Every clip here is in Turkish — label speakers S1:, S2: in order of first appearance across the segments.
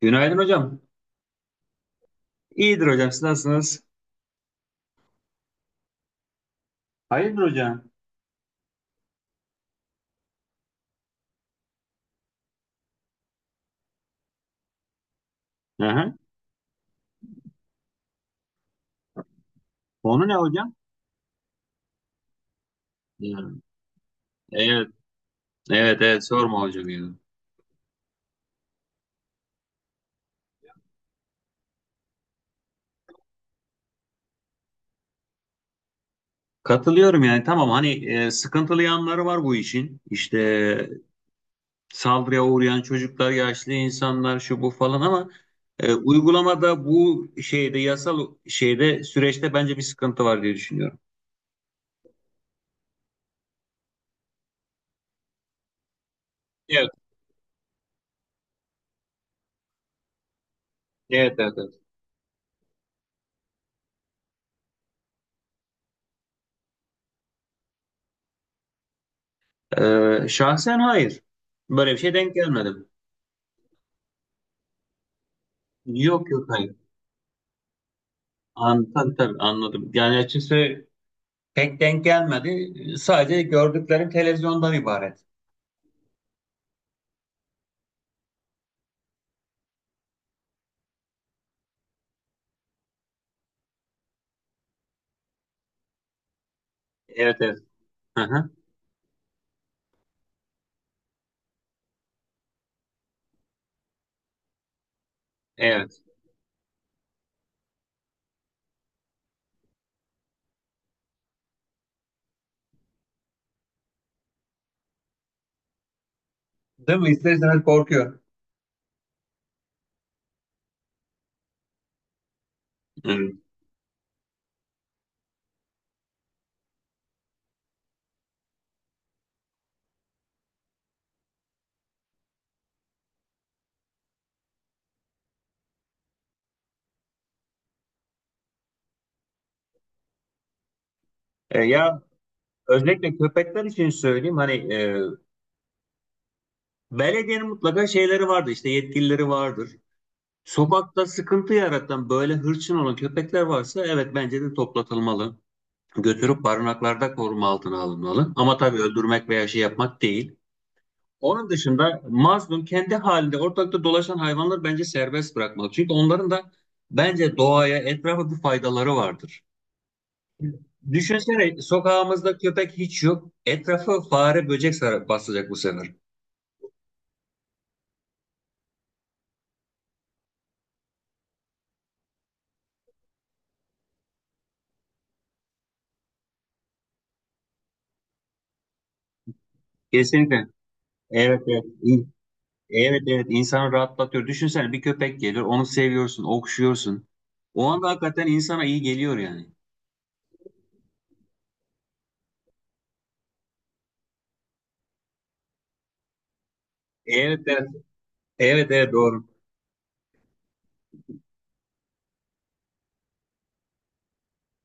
S1: Günaydın hocam. İyidir hocam. Siz nasılsınız? Hayırdır hocam? Aha. Konu ne hocam? Diyorum. Evet. Evet evet sorma hocam ya. Katılıyorum yani tamam hani sıkıntılı yanları var bu işin. İşte saldırıya uğrayan çocuklar, yaşlı insanlar şu bu falan ama uygulamada bu şeyde yasal şeyde süreçte bence bir sıkıntı var diye düşünüyorum. Evet. Evet evet. Evet. Şahsen hayır. Böyle bir şey denk gelmedim. Yok yok hayır. Tabii, tabii anladım. Yani açıkçası pek denk gelmedi. Sadece gördüklerim televizyondan ibaret. Evet evet. Hı hı. Evet. Değil mi? İster istemez korkuyor. Evet. Ya özellikle köpekler için söyleyeyim hani belediyenin mutlaka şeyleri vardır işte yetkilileri vardır. Sokakta sıkıntı yaratan böyle hırçın olan köpekler varsa evet bence de toplatılmalı. Götürüp barınaklarda koruma altına alınmalı. Ama tabii öldürmek veya şey yapmak değil. Onun dışında mazlum kendi halinde ortalıkta dolaşan hayvanlar bence serbest bırakmalı. Çünkü onların da bence doğaya, etrafa bir faydaları vardır. Düşünsene sokağımızda köpek hiç yok. Etrafı fare, böcek sarar, basacak bu sefer. Kesinlikle. Evet evet. Evet evet insanı rahatlatıyor. Düşünsene bir köpek gelir, onu seviyorsun, okşuyorsun. O anda hakikaten insana iyi geliyor yani. Evet evet. Evet evet doğru.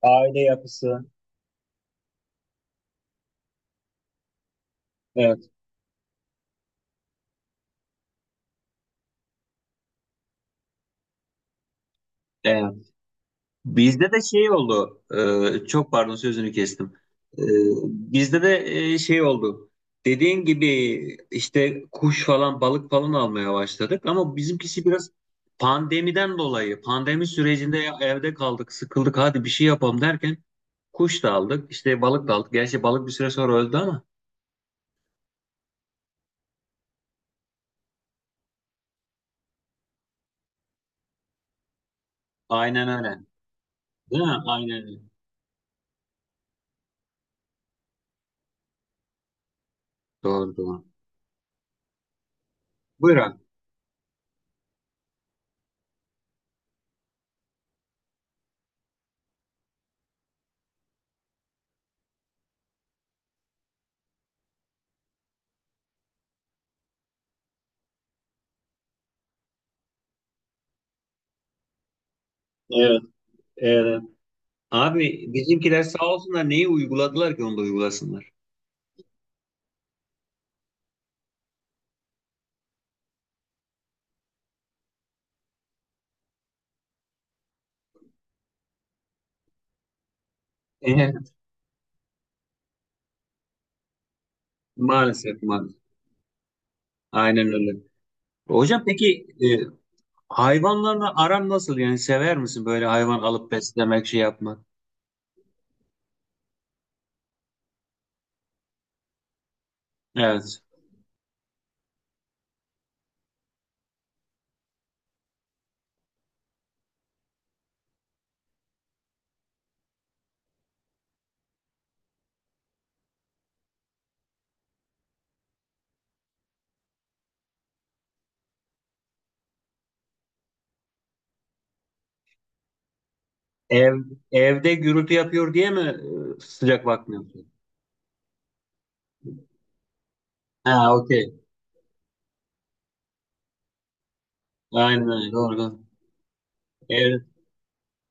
S1: Aile yapısı. Evet. Evet. Bizde de şey oldu. Çok pardon sözünü kestim. E, Bizde de şey oldu. Dediğin gibi işte kuş falan balık falan almaya başladık ama bizimkisi biraz pandemiden dolayı pandemi sürecinde ya evde kaldık sıkıldık hadi bir şey yapalım derken kuş da aldık işte balık da aldık. Gerçi balık bir süre sonra öldü ama aynen öyle. Değil mi? Aynen öyle. Doğru doğru. Buyur abi. Evet, evet. Abi bizimkiler sağ olsunlar neyi uyguladılar ki onu da uygulasınlar. Maalesef maalesef. Aynen öyle. Hocam peki hayvanlarla aran nasıl? Yani sever misin böyle hayvan alıp beslemek, şey yapmak? Evet. Ev evde gürültü yapıyor diye mi sıcak bakmıyorsun? Ha okey. Aynen öyle. Doğru. Doğru.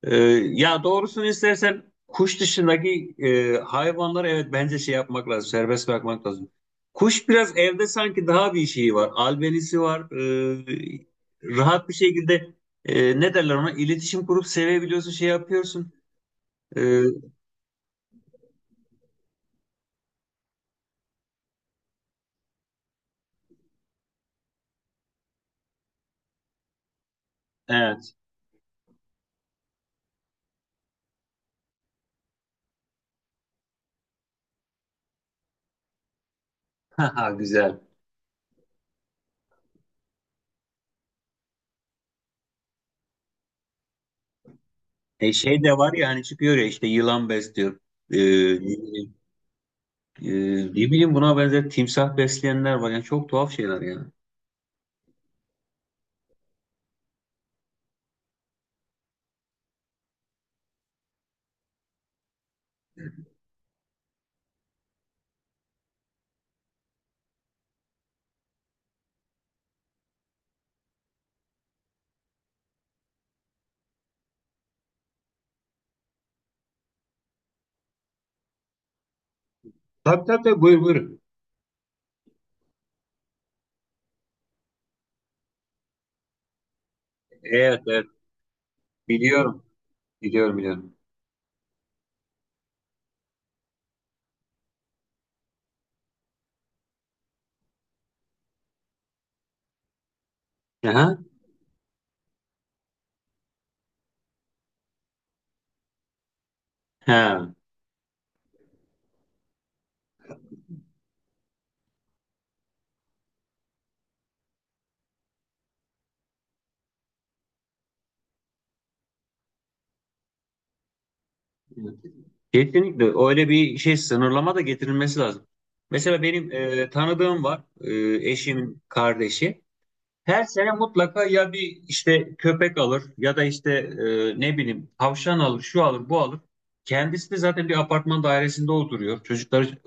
S1: Ee, Ya doğrusunu istersen kuş dışındaki hayvanları evet bence şey yapmak lazım, serbest bırakmak lazım. Kuş biraz evde sanki daha bir şeyi var, albenisi var. Rahat bir şekilde ne derler ona iletişim kurup sevebiliyorsun, şey yapıyorsun. E, evet, haha, güzel. Şey de var ya hani çıkıyor ya işte yılan besliyor. E, ne bileyim e, ne bileyim buna benzer timsah besleyenler var. Yani çok tuhaf şeyler yani. Tabii tabii tabii buyur buyur. Evet, evet biliyorum. Biliyorum biliyorum. Aha. Ha. Kesinlikle öyle bir şey sınırlama da getirilmesi lazım. Mesela benim tanıdığım var eşimin kardeşi. Her sene mutlaka ya bir işte köpek alır ya da işte ne bileyim tavşan alır, şu alır, bu alır. Kendisi de zaten bir apartman dairesinde oturuyor. Çocukları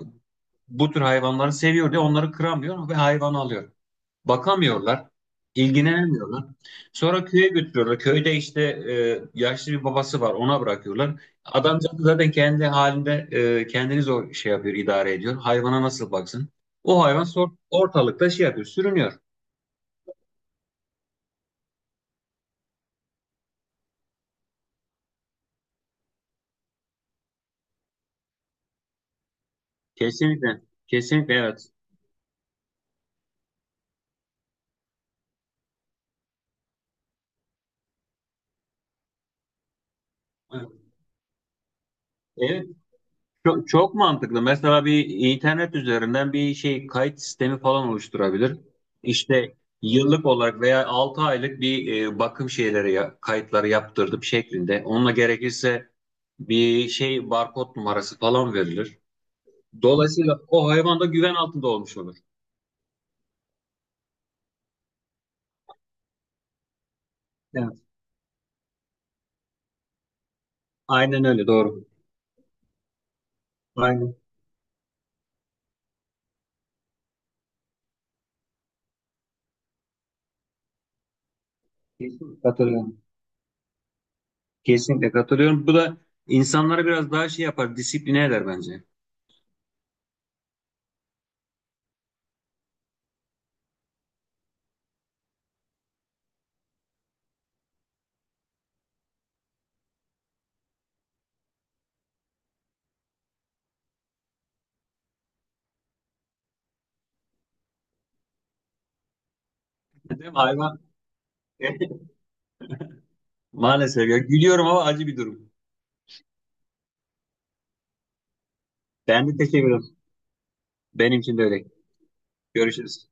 S1: bu tür hayvanları seviyor diye onları kıramıyor ve hayvan alıyor. Bakamıyorlar, ilgilenemiyorlar. Sonra köye götürüyorlar. Köyde işte yaşlı bir babası var, ona bırakıyorlar. Adamcağız zaten kendi halinde kendini zor şey yapıyor, idare ediyor. Hayvana nasıl baksın? O hayvan ortalıkta şey yapıyor, sürünüyor. Kesinlikle, kesinlikle evet. Evet, çok, çok mantıklı. Mesela bir internet üzerinden bir şey kayıt sistemi falan oluşturabilir. İşte yıllık olarak veya 6 aylık bir bakım şeyleri kayıtları yaptırdım şeklinde. Onunla gerekirse bir şey barkod numarası falan verilir. Dolayısıyla o hayvan da güven altında olmuş olur. Evet. Aynen öyle doğru. Aynen. Kesinlikle katılıyorum. Kesinlikle katılıyorum. Bu da insanlara biraz daha şey yapar, disipline eder bence. Değil mi? Hayvan maalesef ya. Gülüyorum ama acı bir durum. Ben de teşekkür ederim. Benim için de öyle. Görüşürüz.